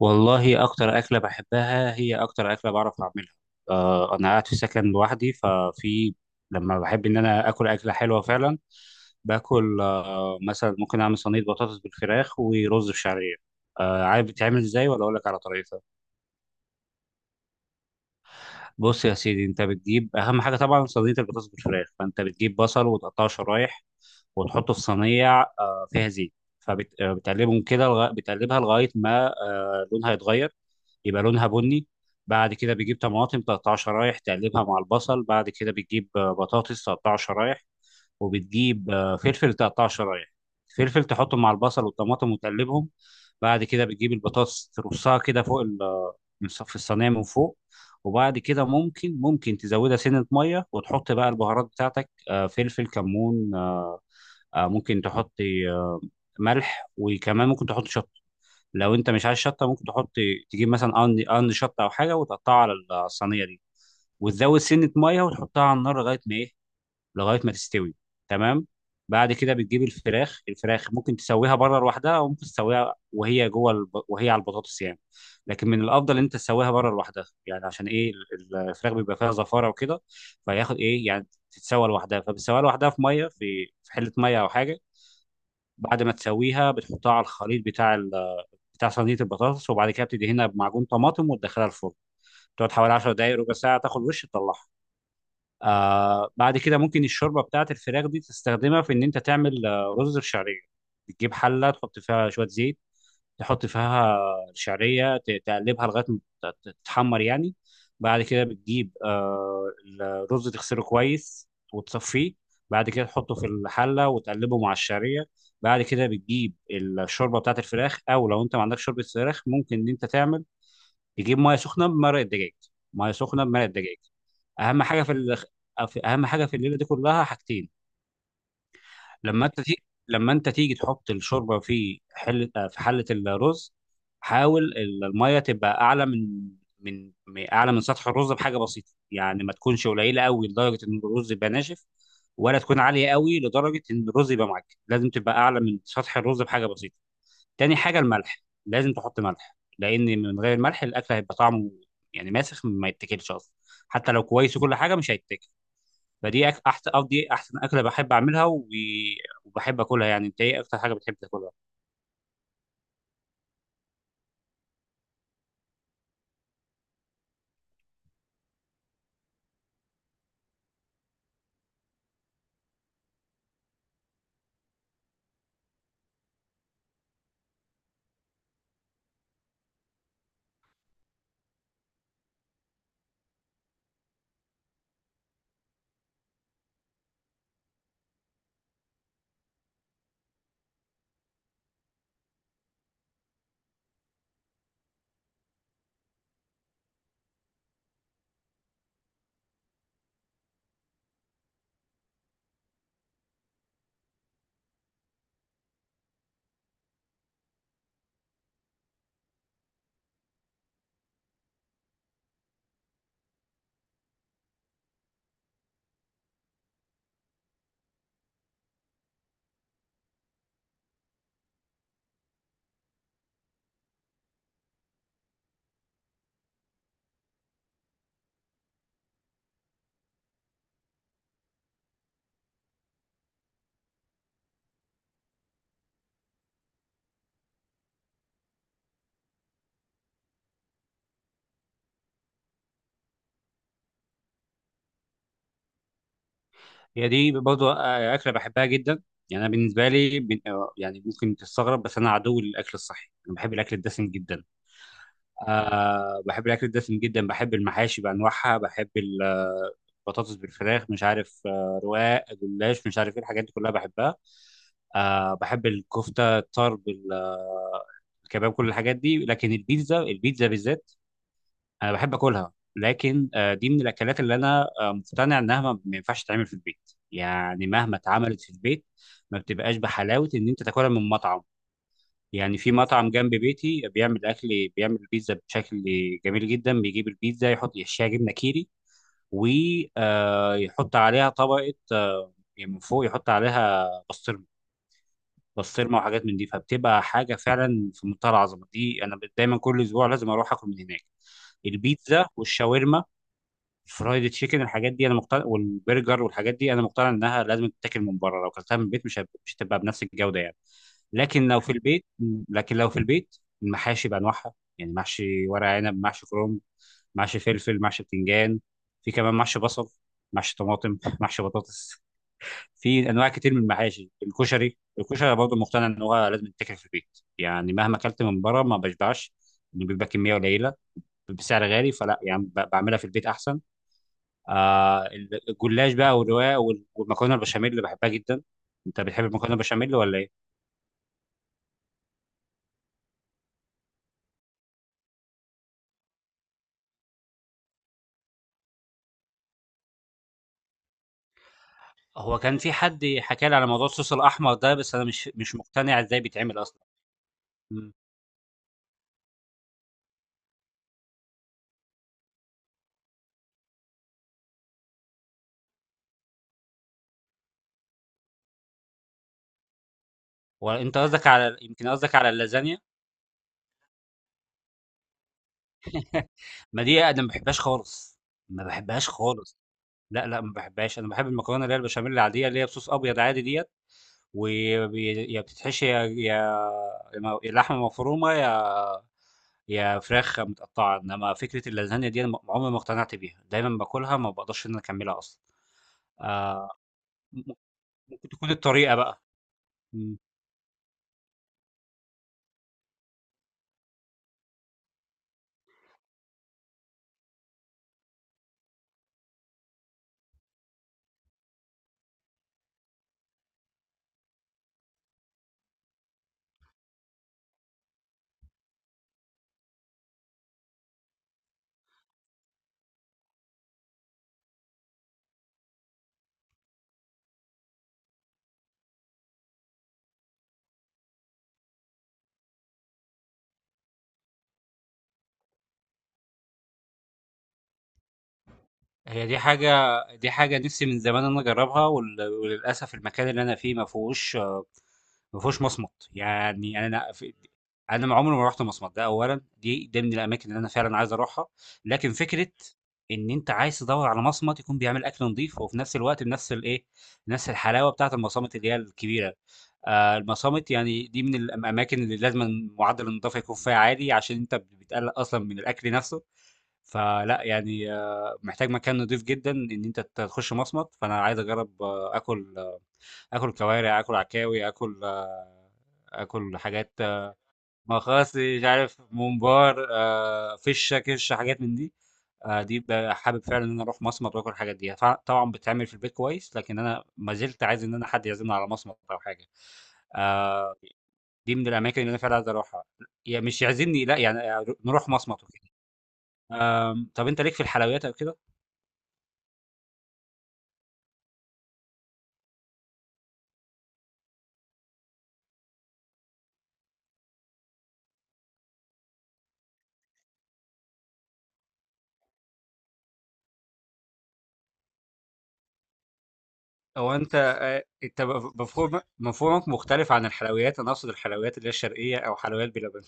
والله أكتر أكلة بحبها هي أكتر أكلة بعرف أعملها. أنا قاعد في سكن لوحدي لما بحب إن أنا آكل أكلة حلوة فعلا باكل، مثلا ممكن أعمل صينية بطاطس بالفراخ ورز بشعرية. عارف بتعمل إزاي ولا أقول لك على طريقتها؟ بص يا سيدي، انت بتجيب اهم حاجه طبعا صينيه البطاطس بالفراخ، فانت بتجيب بصل وتقطعه شرايح وتحطه في صينيه فيها زيت. فبتقلبهم كده بتقلبها لغايه ما لونها يتغير، يبقى لونها بني. بعد كده بتجيب طماطم تقطعها شرايح تقلبها مع البصل. بعد كده بتجيب بطاطس تقطعها شرايح، وبتجيب فلفل تقطعه شرايح. فلفل تحطه مع البصل والطماطم وتقلبهم. بعد كده بتجيب البطاطس ترصها كده فوق في الصينيه من فوق. وبعد كده ممكن تزودها سنه ميه وتحط بقى البهارات بتاعتك، فلفل، كمون، ممكن تحط آه، ملح. وكمان ممكن تحط شطه، لو انت مش عايز شطه ممكن تحط تجيب مثلا قرن قرن شطه او حاجه وتقطعها على الصينيه دي، وتزود سنه ميه وتحطها على النار لغايه ما ايه، لغايه ما تستوي. تمام. بعد كده بتجيب الفراخ. ممكن تسويها بره لوحدها، وممكن تسويها وهي جوه وهي على البطاطس يعني. لكن من الافضل ان انت تسويها بره لوحدها، يعني عشان ايه الفراخ بيبقى فيها زفاره وكده، فياخد ايه يعني تتسوى لوحدها. فبتسويها لوحدها في ميه، في حله ميه او حاجه. بعد ما تسويها بتحطها على الخليط بتاع صينيه البطاطس، وبعد كده بتدهنها بمعجون طماطم وتدخلها الفرن، تقعد حوالي 10 دقائق، ربع ساعه تاخد، وش تطلعها. بعد كده ممكن الشوربه بتاعت الفراخ دي تستخدمها في ان انت تعمل رز الشعريه. بتجيب حله تحط فيها شويه زيت، تحط فيها الشعريه، تقلبها لغايه ما تتحمر يعني. بعد كده بتجيب الرز، تغسله كويس وتصفيه. بعد كده تحطه في الحله وتقلبه مع الشعريه. بعد كده بتجيب الشوربه بتاعت الفراخ، او لو انت ما عندكش شوربه فراخ ممكن ان انت تعمل تجيب ميه سخنه بمرق الدجاج. ميه سخنه بمرق الدجاج. اهم حاجه اهم حاجه في الليله دي كلها حاجتين. لما انت تيجي، تحط الشوربه في حله، في حله الرز، حاول الميه تبقى اعلى من، اعلى من سطح الرز بحاجه بسيطه، يعني ما تكونش قليله قوي لدرجه ان الرز يبقى ناشف، ولا تكون عاليه قوي لدرجه ان الرز يبقى معجن. لازم تبقى اعلى من سطح الرز بحاجه بسيطه. تاني حاجة الملح، لازم تحط ملح لأن من غير الملح الأكل هيبقى طعمه يعني ماسخ، ما يتاكلش أصلا. حتى لو كويس وكل حاجة مش هيتاكل. أحسن، أو دي أحسن أكلة بحب أعملها، وبحب أكلها. يعني أنت إيه أكتر حاجة بتحب تاكلها؟ هي دي برضه أكلة بحبها جدا. يعني أنا بالنسبة لي، يعني ممكن تستغرب، بس أنا عدو للأكل الصحي، أنا بحب الأكل الدسم جدا. بحب الأكل الدسم جدا، بحب المحاشي بأنواعها، بحب البطاطس بالفراخ، مش عارف رواق جلاش، مش عارف ايه، الحاجات دي كلها بحبها. بحب الكفتة، الطرب، الكباب، كل الحاجات دي. لكن البيتزا، البيتزا بالذات أنا بحب أكلها، لكن دي من الأكلات اللي أنا مقتنع إنها ما ينفعش تتعمل في البيت. يعني مهما اتعملت في البيت ما بتبقاش بحلاوة إن أنت تاكلها من مطعم. يعني في مطعم جنب بيتي بيعمل اكل، بيعمل بيتزا بشكل جميل جدا. بيجيب البيتزا، يحشيها جبنه كيري، ويحط عليها طبقه، يعني من فوق يحط عليها بسطرمه. بسطرمه وحاجات من دي، فبتبقى حاجه فعلا في منتهى العظمه. دي انا دايما كل اسبوع لازم اروح اكل من هناك. البيتزا والشاورما، الفرايد تشيكن، الحاجات دي انا مقتنع، والبرجر والحاجات دي انا مقتنع انها لازم تتاكل من بره، لو اكلتها من البيت مش هتبقى بنفس الجوده يعني. لكن لو في البيت، لكن لو في البيت المحاشي بانواعها، يعني محشي ورق عنب، محشي كرنب، محشي فلفل، محشي بتنجان، في كمان محشي بصل، محشي طماطم، محشي بطاطس، في انواع كتير من المحاشي. الكشري، برضه مقتنع ان هو لازم يتاكل في البيت، يعني مهما اكلت من بره ما بشبعش، إنه بيبقى كميه قليله بسعر غالي، فلا يعني بعملها في البيت احسن. آه الجلاش بقى، والرواية، والمكرونة البشاميل اللي بحبها جدا. انت بتحب المكرونة البشاميل ولا ايه؟ هو كان في حد حكى لي على موضوع الصوص الاحمر ده، بس انا مش مقتنع ازاي بيتعمل اصلا. مم. وانت قصدك على، يمكن قصدك على اللازانيا؟ ما دي انا ما بحبهاش خالص، ما بحبهاش خالص. لا لا، ما بحبهاش. انا بحب المكرونه اللي هي البشاميل العاديه، اللي هي بصوص ابيض عادي ديت، ويا بتتحشي يا، يا لحمه مفرومه، يا هي فراخ متقطعة. إنما فكرة اللازانيا دي أنا عمري ما اقتنعت بيها، دايمًا باكلها ما باقدرش إن أنا أكمّلها أصلًا. آآ م ممكن تكون الطريقة بقى. إمم. هي دي حاجة دي حاجة نِفْسي من زمان إن أنا أجرّبها، وللأسف المكان اللي أنا فيه ما فيهوش، ما فيهوش مصمَت. يعني أنا أنا ما عمري ما رُحت مصمَت ده أولًا. ده من الأماكن اللي أنا فعلًا عايز أروحها. لكن فكرة إن أنت عايز تدوّر على مصمَت يكون بيعمل أكل نضيف وفي نَفْس الوقت بنَفْس الإيه، بنَفْس الحلاوة بتاعة المصامِت اللي هي الكبيرة، المصامِت يعني دي من الأماكن اللي لازمًا معدّل النضافة يكون فيها عالي، عشان أنت بتقلّق أصلًا من الأكل نَفْسه. فلأ يعني، محتاج مكان نضيف جدًا إن أنت تخش مصمت. فأنا عايز أجرّب آكل آكل كوارع، آكل عكاوي، آكل آكل حاجات مخاصي، مش عارف ممبار، فِشّة، كِشّة، حاجات من دي. دي حابب فعلًا إن أنا أروح مصمت وآكل الحاجات دي. طبعًا بتتعمل في البيت كويس، لكن أنا ما زلت عايز إن أنا حد يعزمني على مصمت أو حاجة. آآ، دي من الأماكن اللي أنا فعلًا عايز أروحها. مش يعزمني لأ، يعني نروح مصمت وكده. طَب أنت ليك في الحلويات أو كده؟ هو انت مفهومك مختلف عن الحلويات. انا اقصد الحلويات اللي هي الشرقيه او حلويات بلبن.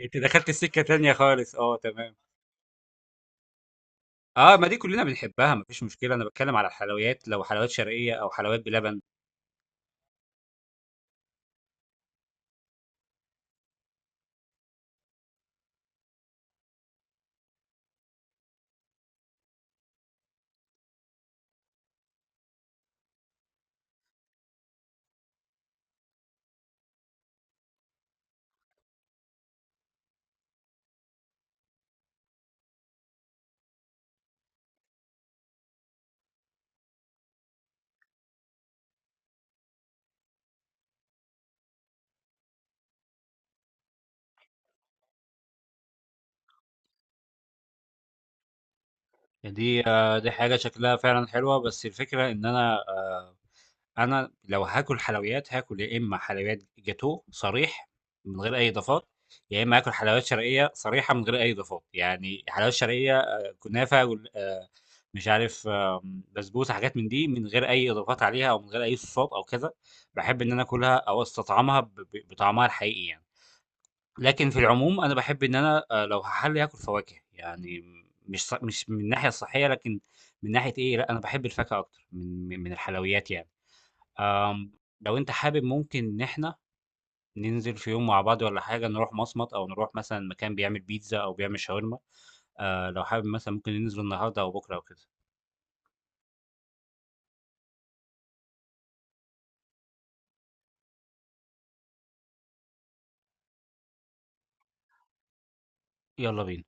انت دخلت السكه تانية خالص، اه، تمام. اه، ما دي كلنا بنحبها مفيش مشكله. انا بتكلم على الحلويات، لو حلويات شرقيه او حلويات بلبن. يعني دي دي حاجه شكلها فعلا حلوه، بس الفكره ان أنا لو هاكل حلويات، هاكل يا إمّا حلويات جاتوه صريح من غير أي إضافات، يا إمّا هاكل حلويات شرقية صريحة من غير أي إضافات. يعني حلويات شرقية كنافة، وال مش عارف، بسبوسة، حاجات من دي من غير أي إضافات عليها أو من غير أي صوصات أو كذا. باحب إن أنا آكلها أو أستطعمها ب ب بطعمها الحقيقي يعني. لكن في العموم أنا باحب إن أنا، لو هاحلّي هاكل فواكه، يعني مش ص مش من الناحية الصحية، لكن من ناحية إيه، لأ أنا باحب الفاكهة أكتر من الحلويات يعني. آمم، لو أنت حابب ممكن إن إحنا ننزل في يوم مع بعض والّا حاجة، نروح مصمت أو نروح مثلًا مكان بيعمل بيتزا أو بيعمل شاورما. لو حابب مثلًا ممكن ننزل النهارده أو بكرة أو كده. يالّا بينا.